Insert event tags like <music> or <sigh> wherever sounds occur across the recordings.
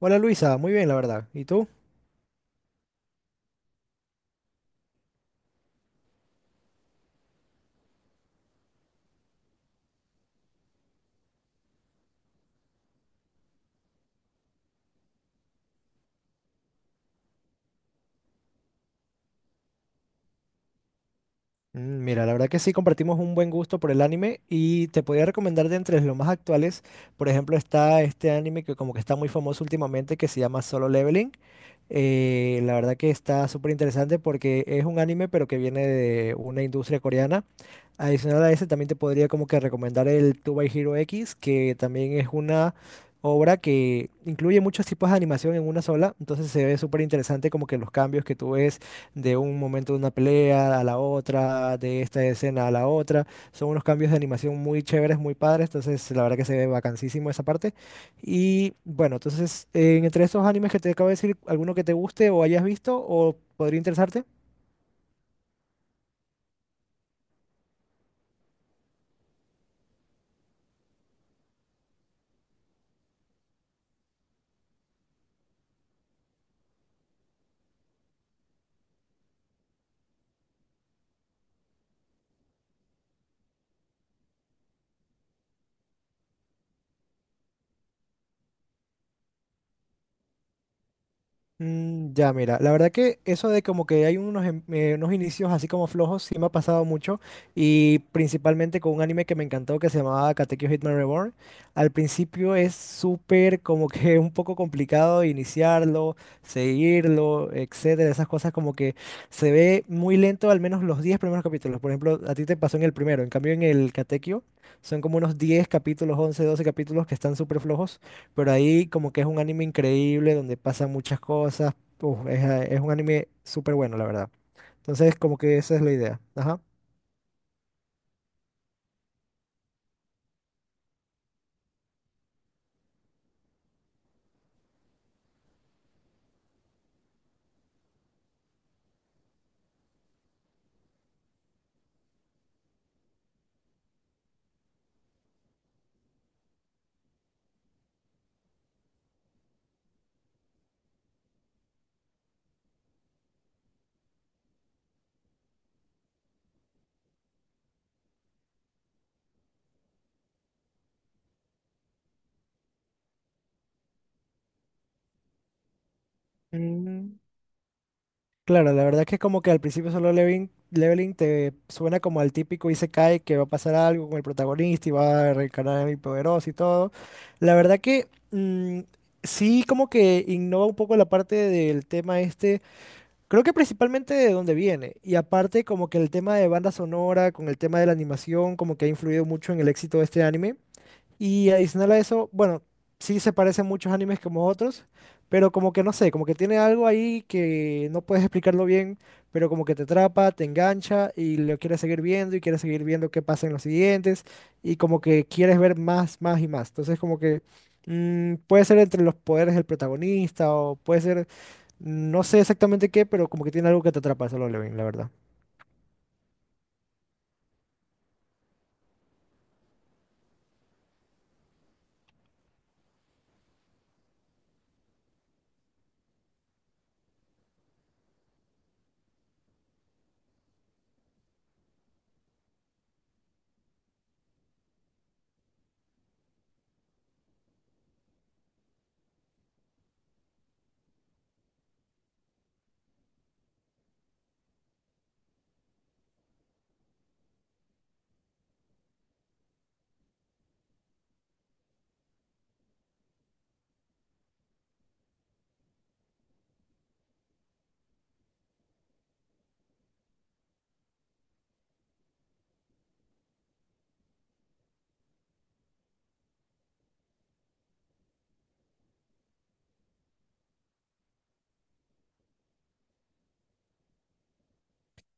Hola Luisa, muy bien la verdad. ¿Y tú? Mira, la verdad que sí compartimos un buen gusto por el anime y te podría recomendar de entre los más actuales, por ejemplo, está este anime que como que está muy famoso últimamente que se llama Solo Leveling. La verdad que está súper interesante porque es un anime, pero que viene de una industria coreana. Adicional a ese, también te podría como que recomendar el Two by Hero X, que también es una obra que incluye muchos tipos de animación en una sola. Entonces se ve súper interesante como que los cambios que tú ves de un momento de una pelea a la otra, de esta escena a la otra. Son unos cambios de animación muy chéveres, muy padres. Entonces la verdad que se ve bacanísimo esa parte. Y bueno, entonces, entre estos animes que te acabo de decir, ¿alguno que te guste o hayas visto o podría interesarte? Mm, ya, mira, la verdad que eso de como que hay unos, unos inicios así como flojos sí me ha pasado mucho y principalmente con un anime que me encantó que se llamaba Katekyo Hitman Reborn. Al principio es súper como que <laughs> un poco complicado iniciarlo, seguirlo, etcétera, esas cosas como que se ve muy lento al menos los 10 primeros capítulos. Por ejemplo, a ti te pasó en el primero, en cambio en el Katekyo son como unos 10 capítulos, 11 12 capítulos que están súper flojos pero ahí como que es un anime increíble donde pasan muchas cosas. Uf, es un anime súper bueno, la verdad. Entonces, como que esa es la idea. Ajá. Mm, Claro, la verdad que como que al principio solo leveling te suena como al típico Isekai que va a pasar algo con el protagonista y va a reencarnar en el poderoso y todo. La verdad que sí como que innova un poco la parte del tema este. Creo que principalmente de dónde viene. Y aparte, como que el tema de banda sonora, con el tema de la animación, como que ha influido mucho en el éxito de este anime. Y adicional a eso, bueno, sí se parecen muchos animes como otros, pero como que no sé, como que tiene algo ahí que no puedes explicarlo bien, pero como que te atrapa, te engancha y lo quieres seguir viendo y quieres seguir viendo qué pasa en los siguientes y como que quieres ver más, más y más. Entonces, como que puede ser entre los poderes del protagonista o puede ser no sé exactamente qué, pero como que tiene algo que te atrapa solo Levin, la verdad.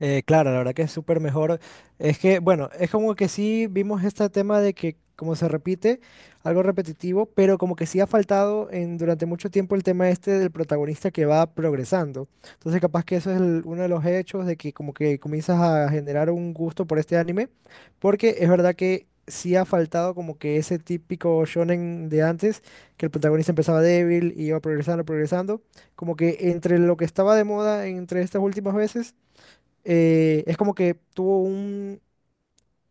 Claro, la verdad que es súper mejor. Es que, bueno, es como que sí vimos este tema de que como se repite, algo repetitivo, pero como que sí ha faltado en, durante mucho tiempo el tema este del protagonista que va progresando. Entonces capaz que eso es uno de los hechos de que como que comienzas a generar un gusto por este anime, porque es verdad que sí ha faltado como que ese típico shonen de antes, que el protagonista empezaba débil y iba progresando, progresando, como que entre lo que estaba de moda entre estas últimas veces es como que tuvo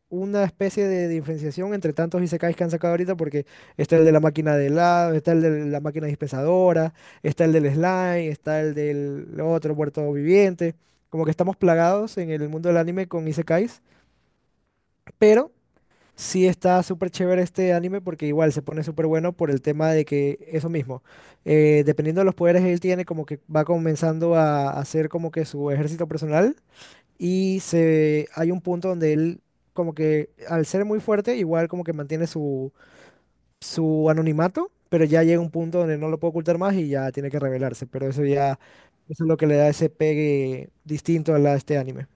una especie de diferenciación entre tantos isekais que han sacado ahorita, porque está el de la máquina de helado, está el de la máquina dispensadora, está el del slime, está el del otro muerto viviente. Como que estamos plagados en el mundo del anime con isekais, pero sí está súper chévere este anime porque igual se pone súper bueno por el tema de que eso mismo, dependiendo de los poderes que él tiene, como que va comenzando a hacer como que su ejército personal y se, hay un punto donde él, como que al ser muy fuerte, igual como que mantiene su anonimato, pero ya llega un punto donde no lo puede ocultar más y ya tiene que revelarse. Pero eso ya, eso es lo que le da ese pegue distinto a la, a este anime.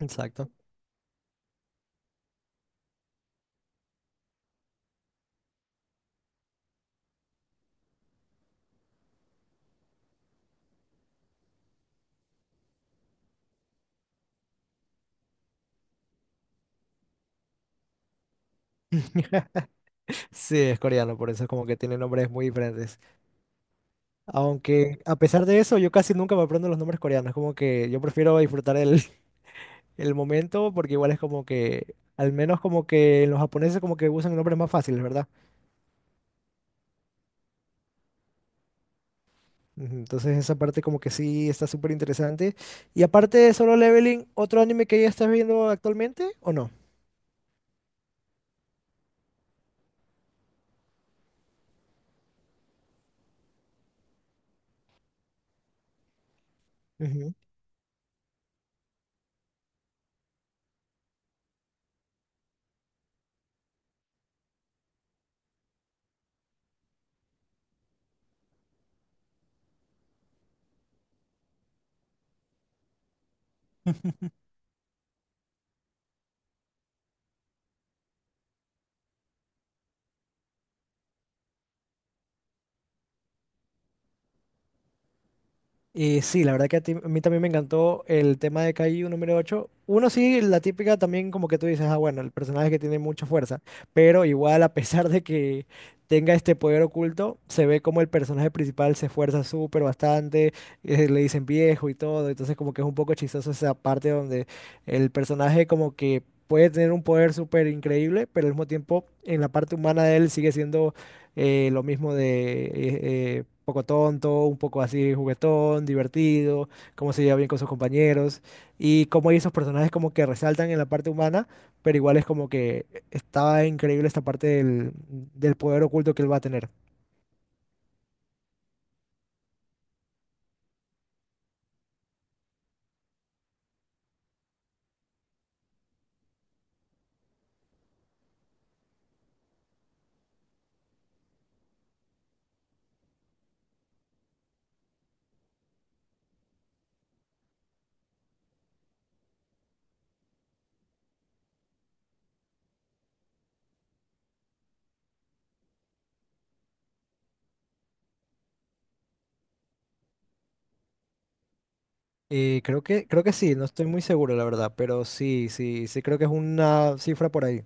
Exacto. <laughs> Sí, es coreano, por eso es como que tiene nombres muy diferentes. Aunque a pesar de eso, yo casi nunca me aprendo los nombres coreanos. Como que yo prefiero disfrutar el, <laughs> el momento porque igual es como que, al menos como que los japoneses como que usan nombres más fáciles, ¿verdad? Ujú. Entonces esa parte como que sí está súper interesante. Y aparte de Solo Leveling, ¿otro anime que ya estás viendo actualmente o no? Y sí, la verdad que a mí también me encantó el tema de KI número 8. Uno sí, la típica también como que tú dices, ah, bueno, el personaje que tiene mucha fuerza, pero igual a pesar de que tenga este poder oculto, se ve como el personaje principal se esfuerza súper bastante, le dicen viejo y todo, entonces como que es un poco chistoso esa parte donde el personaje como que puede tener un poder súper increíble, pero al mismo tiempo en la parte humana de él sigue siendo lo mismo de poco tonto, un poco así juguetón, divertido, cómo se lleva bien con sus compañeros y cómo hay esos personajes como que resaltan en la parte humana, pero igual es como que está increíble esta parte del poder oculto que él va a tener. Creo que sí, no estoy muy seguro, la verdad, pero sí, sí, sí creo que es una cifra por ahí.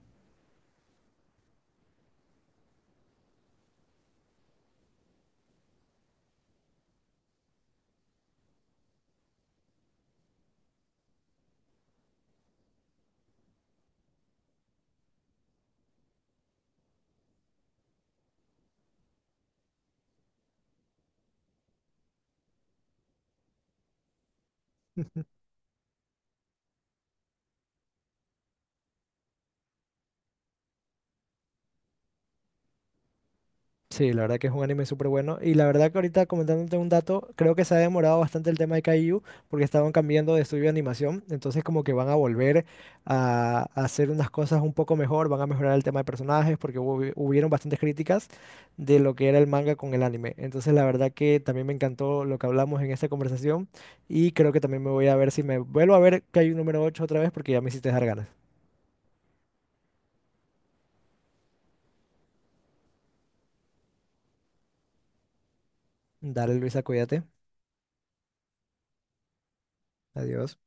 Sí, la verdad que es un anime súper bueno. Y la verdad que ahorita comentándote un dato, creo que se ha demorado bastante el tema de Kaiju porque estaban cambiando de estudio de animación. Entonces como que van a volver a hacer unas cosas un poco mejor, van a mejorar el tema de personajes porque hubieron bastantes críticas de lo que era el manga con el anime. Entonces la verdad que también me encantó lo que hablamos en esta conversación y creo que también me voy a ver si me vuelvo a ver Kaiju número 8 otra vez porque ya me hiciste dejar ganas. Dale Luisa, cuídate. Adiós.